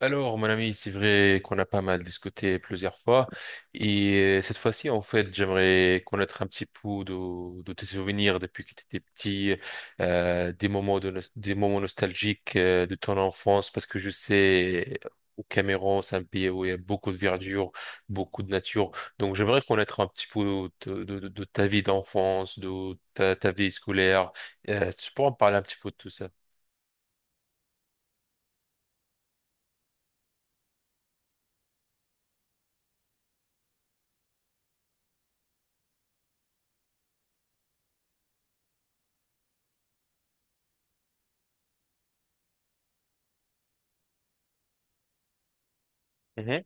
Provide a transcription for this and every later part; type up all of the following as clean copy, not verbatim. Alors, mon ami, c'est vrai qu'on a pas mal discuté plusieurs fois et cette fois-ci, en fait, j'aimerais connaître un petit peu de tes souvenirs depuis que tu étais petit, des moments des moments nostalgiques de ton enfance, parce que je sais, au Cameroun, c'est un pays où il y a beaucoup de verdure, beaucoup de nature. Donc, j'aimerais connaître un petit peu de ta vie d'enfance, de ta vie scolaire. Tu pourrais me parler un petit peu de tout ça? Mhm.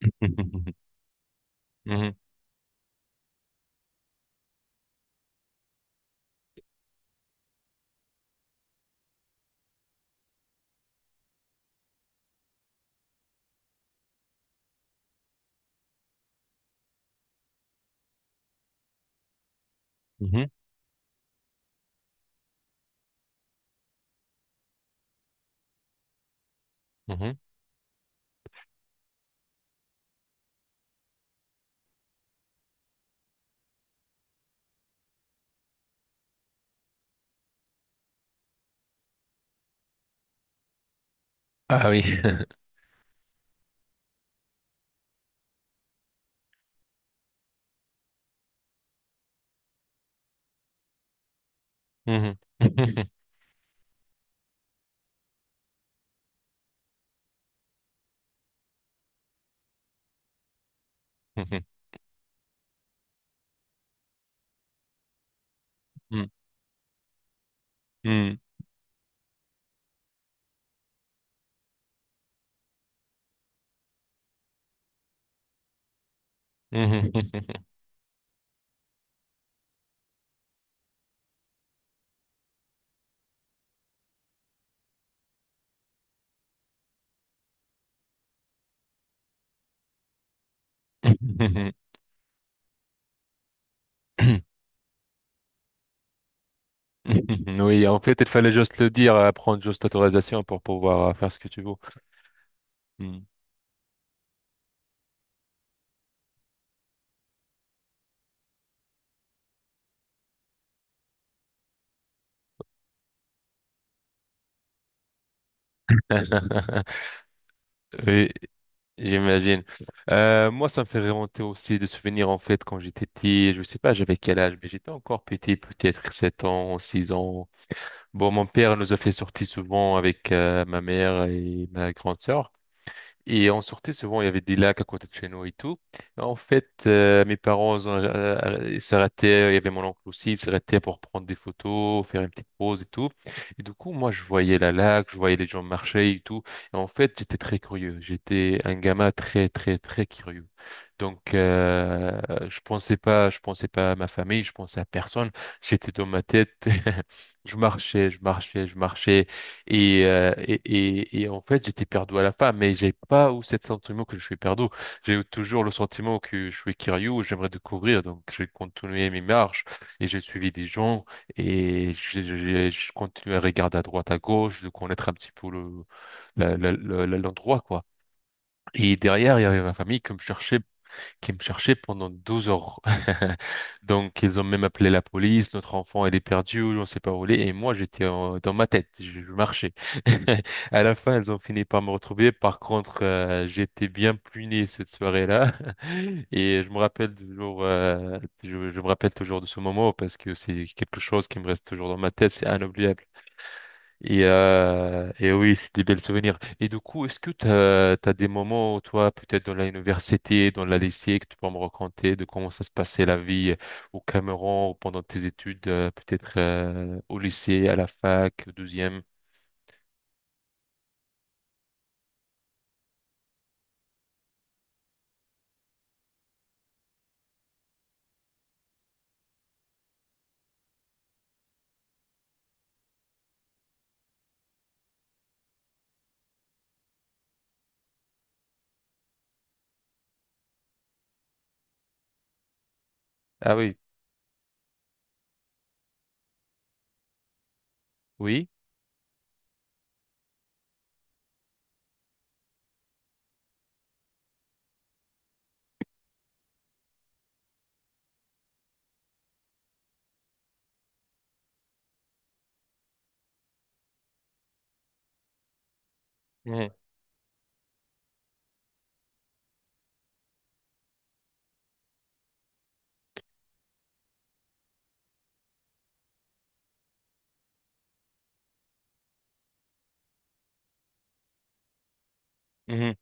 Mhm. Mhm. Mhm. Ah oui. Mhm. Mhm. Mhm. Mhm. Oui, en fait, il fallait juste le dire, prendre juste l'autorisation pour pouvoir faire ce que tu veux. Mhm. Oui, j'imagine. Moi, ça me fait remonter aussi de souvenirs, en fait, quand j'étais petit. Je sais pas, j'avais quel âge, mais j'étais encore petit, peut-être 7 ans, 6 ans. Bon, mon père nous a fait sortir souvent avec ma mère et ma grande sœur. Et on sortait souvent, il y avait des lacs à côté de chez nous et tout. En fait, mes parents ils s'arrêtaient, il y avait mon oncle aussi, ils s'arrêtaient pour prendre des photos, faire une petite pause et tout. Et du coup, moi, je voyais la lac, je voyais les gens marcher et tout. Et en fait, j'étais très curieux. J'étais un gamin très, très, très curieux. Donc, je pensais pas à ma famille, je pensais à personne. J'étais dans ma tête. Je marchais, je marchais, je marchais. Et, et en fait, j'étais perdu à la fin, mais j'ai pas eu ce sentiment que je suis perdu. J'ai eu toujours le sentiment que je suis curieux, j'aimerais découvrir, donc j'ai continué mes marches et j'ai suivi des gens et j'ai continué à regarder à droite, à gauche, de connaître un petit peu le, la- la- la- la- l'endroit, quoi. Et derrière, il y avait ma famille qui me cherchaient pendant 12 heures. Donc, ils ont même appelé la police, notre enfant, il est perdu, on ne sait pas où il est. Et moi, dans ma tête, je marchais. À la fin, ils ont fini par me retrouver. Par contre, j'étais bien puni cette soirée-là. Et je me rappelle toujours, je me rappelle toujours de ce moment parce que c'est quelque chose qui me reste toujours dans ma tête, c'est inoubliable. Et, oui, c'est des belles souvenirs. Et du coup, est-ce que t'as as des moments, toi, peut-être dans l'université, dans la lycée, que tu peux me raconter de comment ça se passait la vie au Cameroun ou pendant tes études, peut-être au lycée, à la fac, au douzième? Ah oui, oui. Mhm, mhm,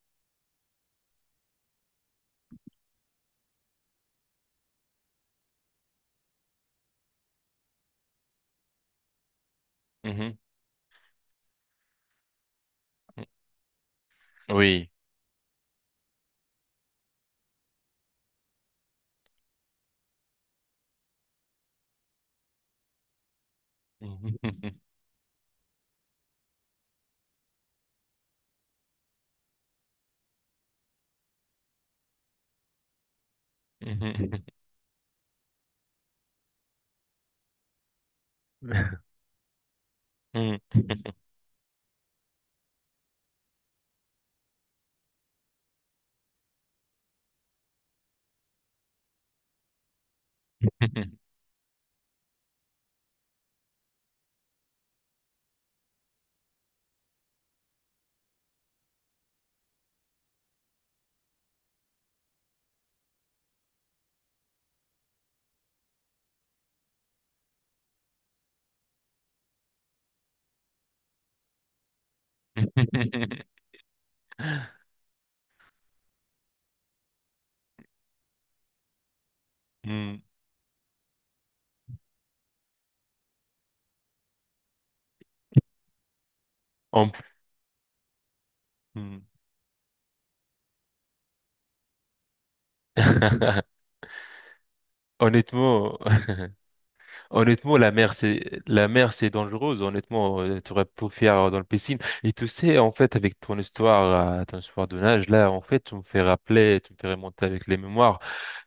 mhm, mhm. Oui. Mhm, mhm, mhm, mhm. Mhm. En plus. Honnêtement, Honnêtement, la mer, c'est dangereuse. Honnêtement, tu aurais pu faire dans le piscine. Et tu sais, en fait, avec ton histoire de nage, là, en fait, tu me fais rappeler, tu me fais remonter avec les mémoires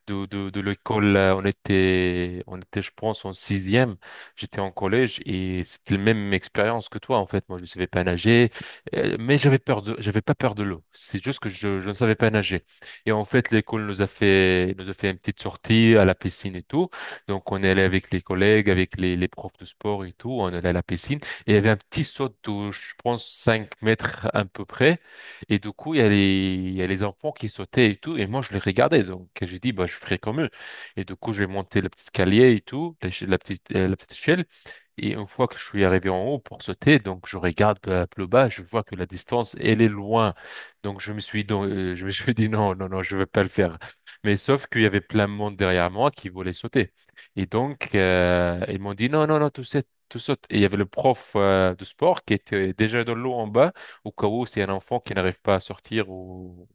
de l'école, on était, je pense, en sixième. J'étais en collège et c'était la même expérience que toi, en fait. Moi, je ne savais pas nager, mais j'avais peur de, j'avais pas peur de l'eau. C'est juste que je ne savais pas nager. Et en fait, l'école nous a fait une petite sortie à la piscine et tout. Donc, on est allé avec les collègues, avec les profs de sport et tout. On est allé à la piscine et il y avait un petit saut de, je pense, 5 mètres à peu près. Et du coup, il y a les enfants qui sautaient et tout. Et moi, je les regardais. Donc, j'ai dit, bah, je ferai comme eux. Et du coup, je vais monter le petit escalier et tout, la petite échelle. Et une fois que je suis arrivé en haut pour sauter, donc je regarde plus bas, je vois que la distance, elle est loin. Donc, je me suis dit, non, non, non, je ne vais pas le faire. Mais sauf qu'il y avait plein de monde derrière moi qui voulait sauter. Et donc, ils m'ont dit, non, non, non, tout saute, tout saute. Et il y avait le prof, de sport qui était déjà dans l'eau en bas au cas où c'est un enfant qui n'arrive pas à sortir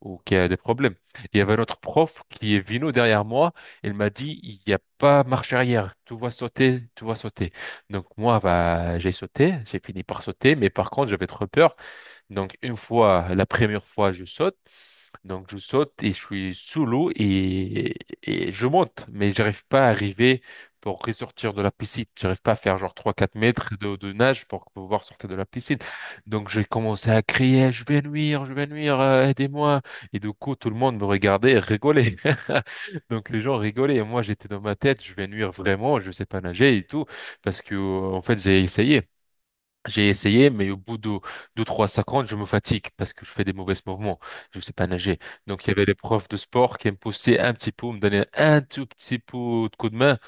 ou qui a des problèmes. Il y avait notre prof qui est venu derrière moi. Il m'a dit, il n'y a pas marche arrière. Tout va sauter, tout va sauter. Donc moi, bah, j'ai sauté, j'ai fini par sauter, mais par contre, j'avais trop peur. Donc une fois, la première fois, je saute. Donc je saute et je suis sous l'eau et je monte, mais j'arrive pas à arriver pour ressortir de la piscine. J'arrive pas à faire genre 3 4 mètres de nage pour pouvoir sortir de la piscine. Donc j'ai commencé à crier, je vais nuire, aidez-moi. Et du coup, tout le monde me regardait et rigolait. Donc les gens rigolaient et moi j'étais dans ma tête, je vais nuire vraiment, je sais pas nager et tout, parce que en fait j'ai essayé. J'ai essayé, mais au bout de 2-3 50, je me fatigue parce que je fais des mauvais mouvements. Je ne sais pas nager. Donc, il y avait les profs de sport qui me poussaient un petit peu, me donnaient un tout petit peu de coup de main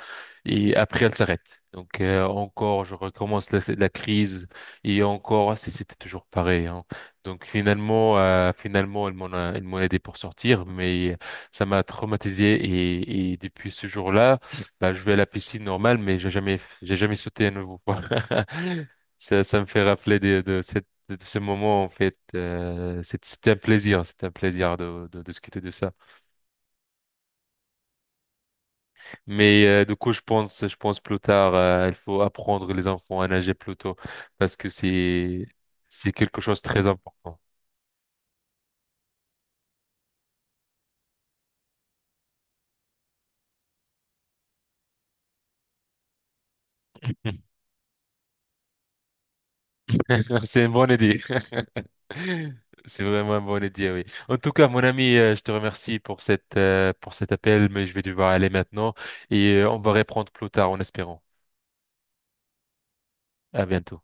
et après elle s'arrête. Donc encore, je recommence la crise et encore, c'était toujours pareil, hein. Donc finalement, elle m'en a aidé pour sortir, mais ça m'a traumatisé et depuis ce jour-là, bah, je vais à la piscine normale, mais j'ai jamais sauté à nouveau. Ça me fait rappeler de ce moment en fait. C'était un plaisir de discuter de ça. Mais du coup, je pense plus tard, il faut apprendre les enfants à nager plus tôt parce que c'est quelque chose de très important. C'est une bonne idée. C'est vraiment une bonne idée, oui. En tout cas, mon ami, je te remercie pour cette pour cet appel, mais je vais devoir aller maintenant et on va reprendre plus tard en espérant. À bientôt.